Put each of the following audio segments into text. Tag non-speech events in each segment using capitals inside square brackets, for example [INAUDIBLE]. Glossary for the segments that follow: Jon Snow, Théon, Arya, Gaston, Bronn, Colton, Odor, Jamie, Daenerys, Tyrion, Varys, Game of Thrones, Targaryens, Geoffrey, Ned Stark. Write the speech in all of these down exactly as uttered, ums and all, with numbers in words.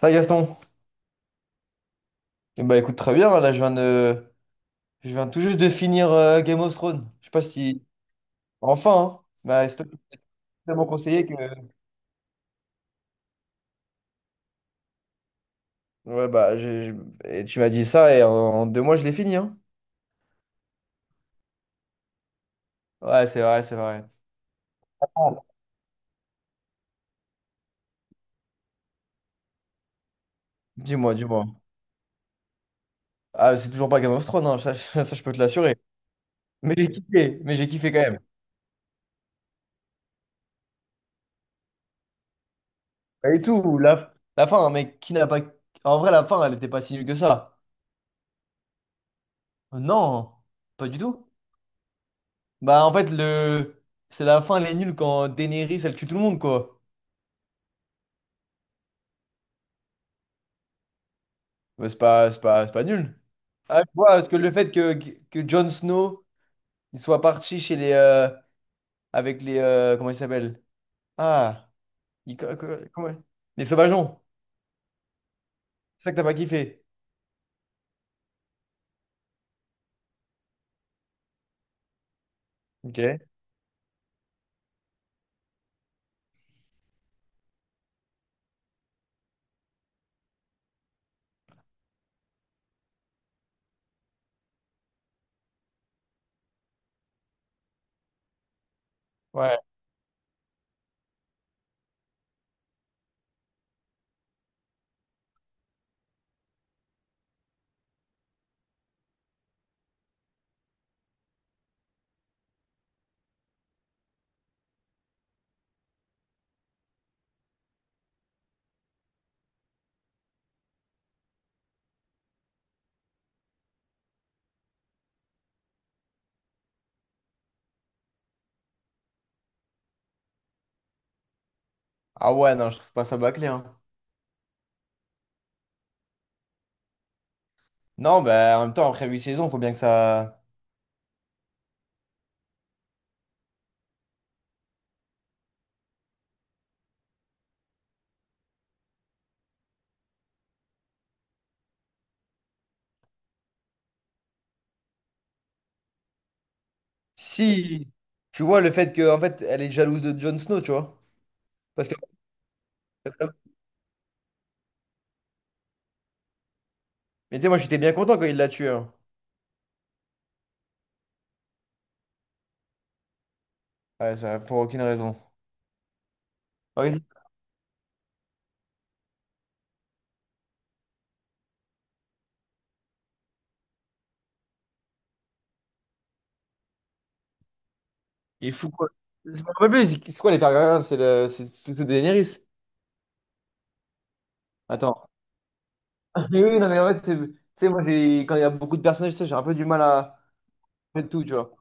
Ça, Gaston? Eh ben, écoute, très bien. Là, je viens de... je viens tout juste de finir euh, Game of Thrones. Je sais pas si. Enfin, hein. Bah, c'est toi qui m'as tellement conseillé que. Ouais, bah, je- je- et tu m'as dit ça et en, en deux mois, je l'ai fini, hein. Ouais, c'est vrai, c'est vrai. Oh, dis-moi, dis-moi. Ah, c'est toujours pas Game of Thrones, hein, ça, [LAUGHS] ça, je peux te l'assurer. Mais j'ai kiffé, mais j'ai kiffé quand même. Pas du tout. La, la fin, hein, mec, qui n'a pas. En vrai, la fin, elle était pas si nulle que ça. Non, pas du tout. Bah en fait, le c'est la fin, elle est nulle quand Daenerys elle tue tout le monde, quoi. Mais c'est pas c'est pas c'est pas nul. Ah, je vois, parce que le fait que que Jon Snow il soit parti chez les euh, avec les euh, comment il s'appelle? Ah, il- co- co- comment- les sauvageons. C'est ça que t'as pas kiffé. Ok. Ouais. Ah ouais, non, je trouve pas ça bâclé, hein. Non, bah en même temps après huit saisons, faut bien que ça. Si tu vois le fait que en fait elle est jalouse de Jon Snow, tu vois. Parce que Mais tu sais, moi j'étais bien content quand il l'a tué, hein. Ouais, ça, pour aucune raison. Ah oui. Il fout quoi? Je me rappelle plus, c'est c'est quoi les Targaryens? C'est le... c'est plutôt Daenerys. Attends. [LAUGHS] Mais oui, non, mais en fait, c'est- tu sais, moi, j'ai... quand il y a beaucoup de personnages, tu sais, j'ai un peu du mal à mettre tout, tu vois.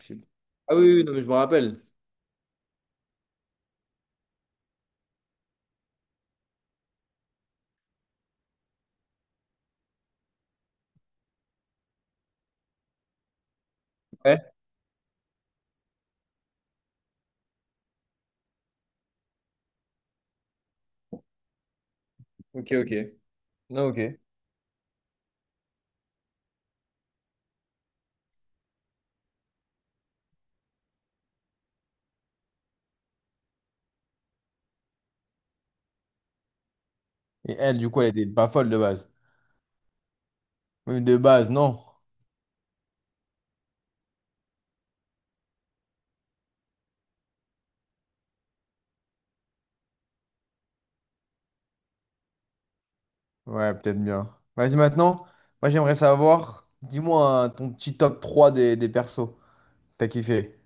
Je sais- Ah oui, oui, non, mais je me rappelle. Ouais. Ok, ok. Non, ok. Et elle, du coup, elle était pas folle de base. Oui, de base, non. Ouais, peut-être bien. Vas-y, maintenant, moi, j'aimerais savoir, dis-moi, hein, ton petit top trois des, des persos. T'as kiffé.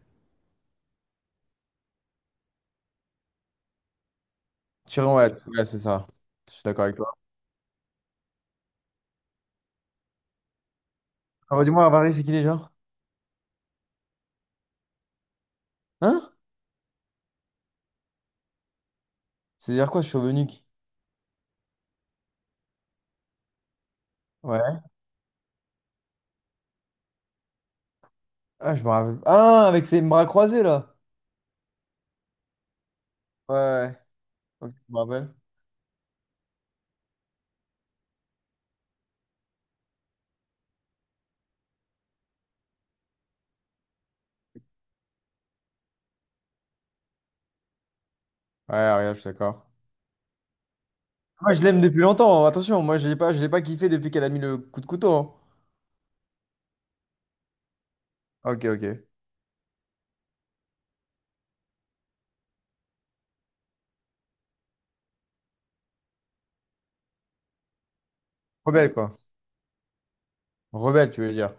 Tyrion, ouais, ouais, c'est ça. Je suis d'accord avec toi. Ah, bah, dis-moi, Varys, c'est qui déjà? Hein? C'est-à-dire quoi, chauve-nuque? Ouais. Ah, je me rappelle. Ah, avec ses bras croisés, là. Ouais, ouais. Ok, je me rappelle. Ouais, regarde, je suis d'accord. Moi, je l'aime depuis longtemps, hein. Attention, moi, je l'ai pas, je l'ai pas kiffé depuis qu'elle a mis le coup de couteau. Hein. Ok, ok. Rebelle, quoi. Rebelle, tu veux dire.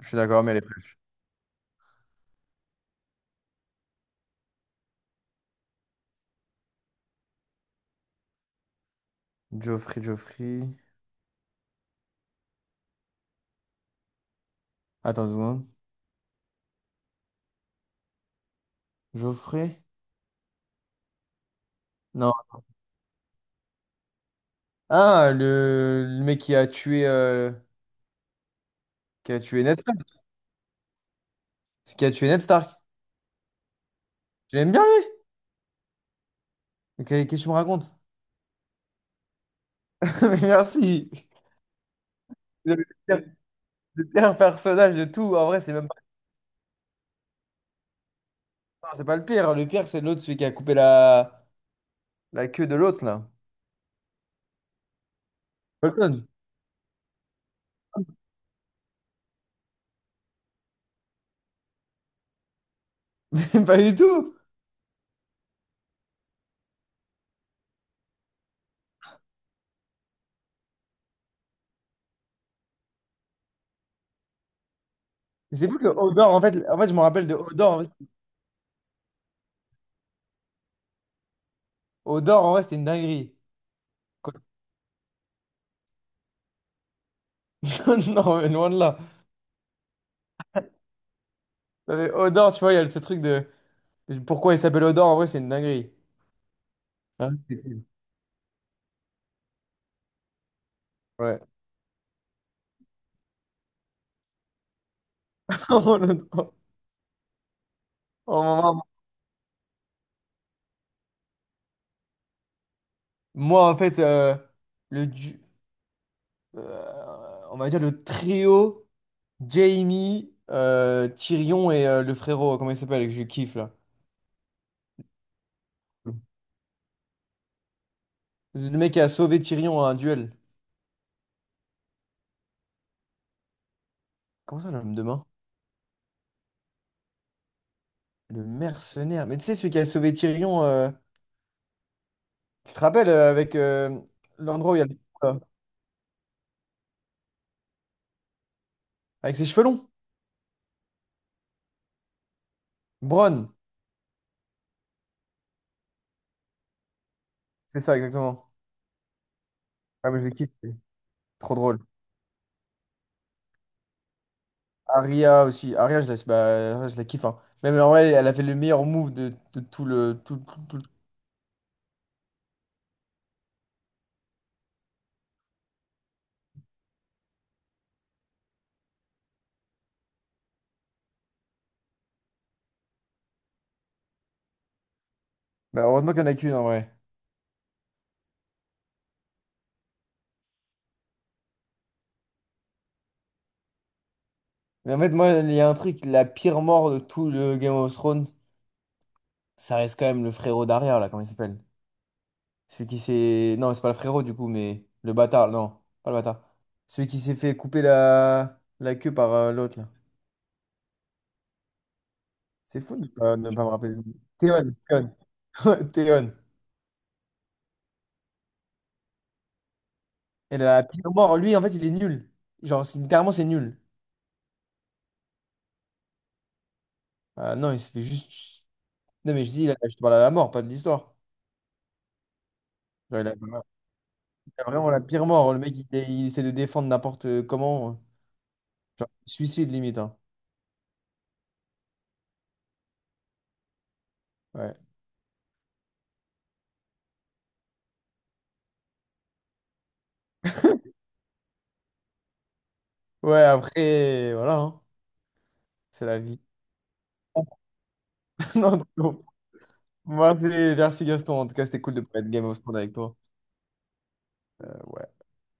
Je suis d'accord, mais elle est fraîche. Geoffrey, Geoffrey. Attends une seconde. Geoffrey? Non. Ah, le, le mec qui a tué, euh, qui a tué Ned Stark. Qui a tué Ned Stark. Tu l'aimes bien, lui? Ok, qu'est-ce que tu me racontes? [LAUGHS] Merci. Le pire personnage de tout, en vrai, c'est même pas, non, c'est pas le pire. Le pire, c'est l'autre, celui qui a coupé la, la queue de l'autre, là. Colton. [LAUGHS] Mais pas du tout. C'est fou que Odor, en fait, en fait, je me rappelle de Odor. En fait, Odor, en vrai, c'était une dinguerie. Colton, [LAUGHS] non, mais loin de là. Non, mais Odor, tu vois, il y a ce truc de pourquoi il s'appelle Odor, en vrai, c'est une dinguerie. Hein, c'est fou. Ouais. [LAUGHS] Oh, le- oh, maman. Moi, en fait, euh, le, du- euh, on va dire le trio. Jamie, euh, Tyrion et euh, le frérot, comment il s'appelle, que je kiffe là. Le mec qui a sauvé Tyrion à un duel. Comment ça, l'homme de main? Le mercenaire. Mais tu sais, celui qui a sauvé Tyrion, euh, tu te rappelles, euh, avec euh, l'endroit où il y a le... là. Avec ses cheveux longs. Bronn, c'est ça exactement. Ah, mais je le kiffe, c'est trop drôle. Arya aussi. Arya, je la, bah, Arya, je la kiffe, hein. Même en vrai, elle a fait le meilleur move de, de tout le... Tout, tout- tout le- Bah, heureusement qu'il n'y en a qu'une en vrai. Mais en fait, moi, il y a un truc, la pire mort de tout le Game of Thrones. Ça reste quand même le frérot d'arrière, là, comment il s'appelle? Celui qui s'est. Non, c'est pas le frérot du coup, mais le bâtard, non, pas le bâtard. Celui qui s'est fait couper la, la queue par euh, l'autre, là. C'est fou de pas, ne pas me rappeler. Théon, Théon. [LAUGHS] Théon. Et la pile au mort, lui, en fait, il est nul. Genre, c'est- littéralement, c'est nul. Ah, non, il se fait juste. Non, mais je dis, là, je te parle à la mort, pas de l'histoire. Genre, il a, il a vraiment la pire mort. Le mec, il, il essaie de défendre n'importe euh, comment. Genre, suicide limite, hein. Ouais. Ouais, après, voilà, hein. C'est la vie. [LAUGHS] Non, non. Moi, c'est merci Gaston. En tout cas, c'était cool de pouvoir être Game of Thrones avec toi. Euh, ouais.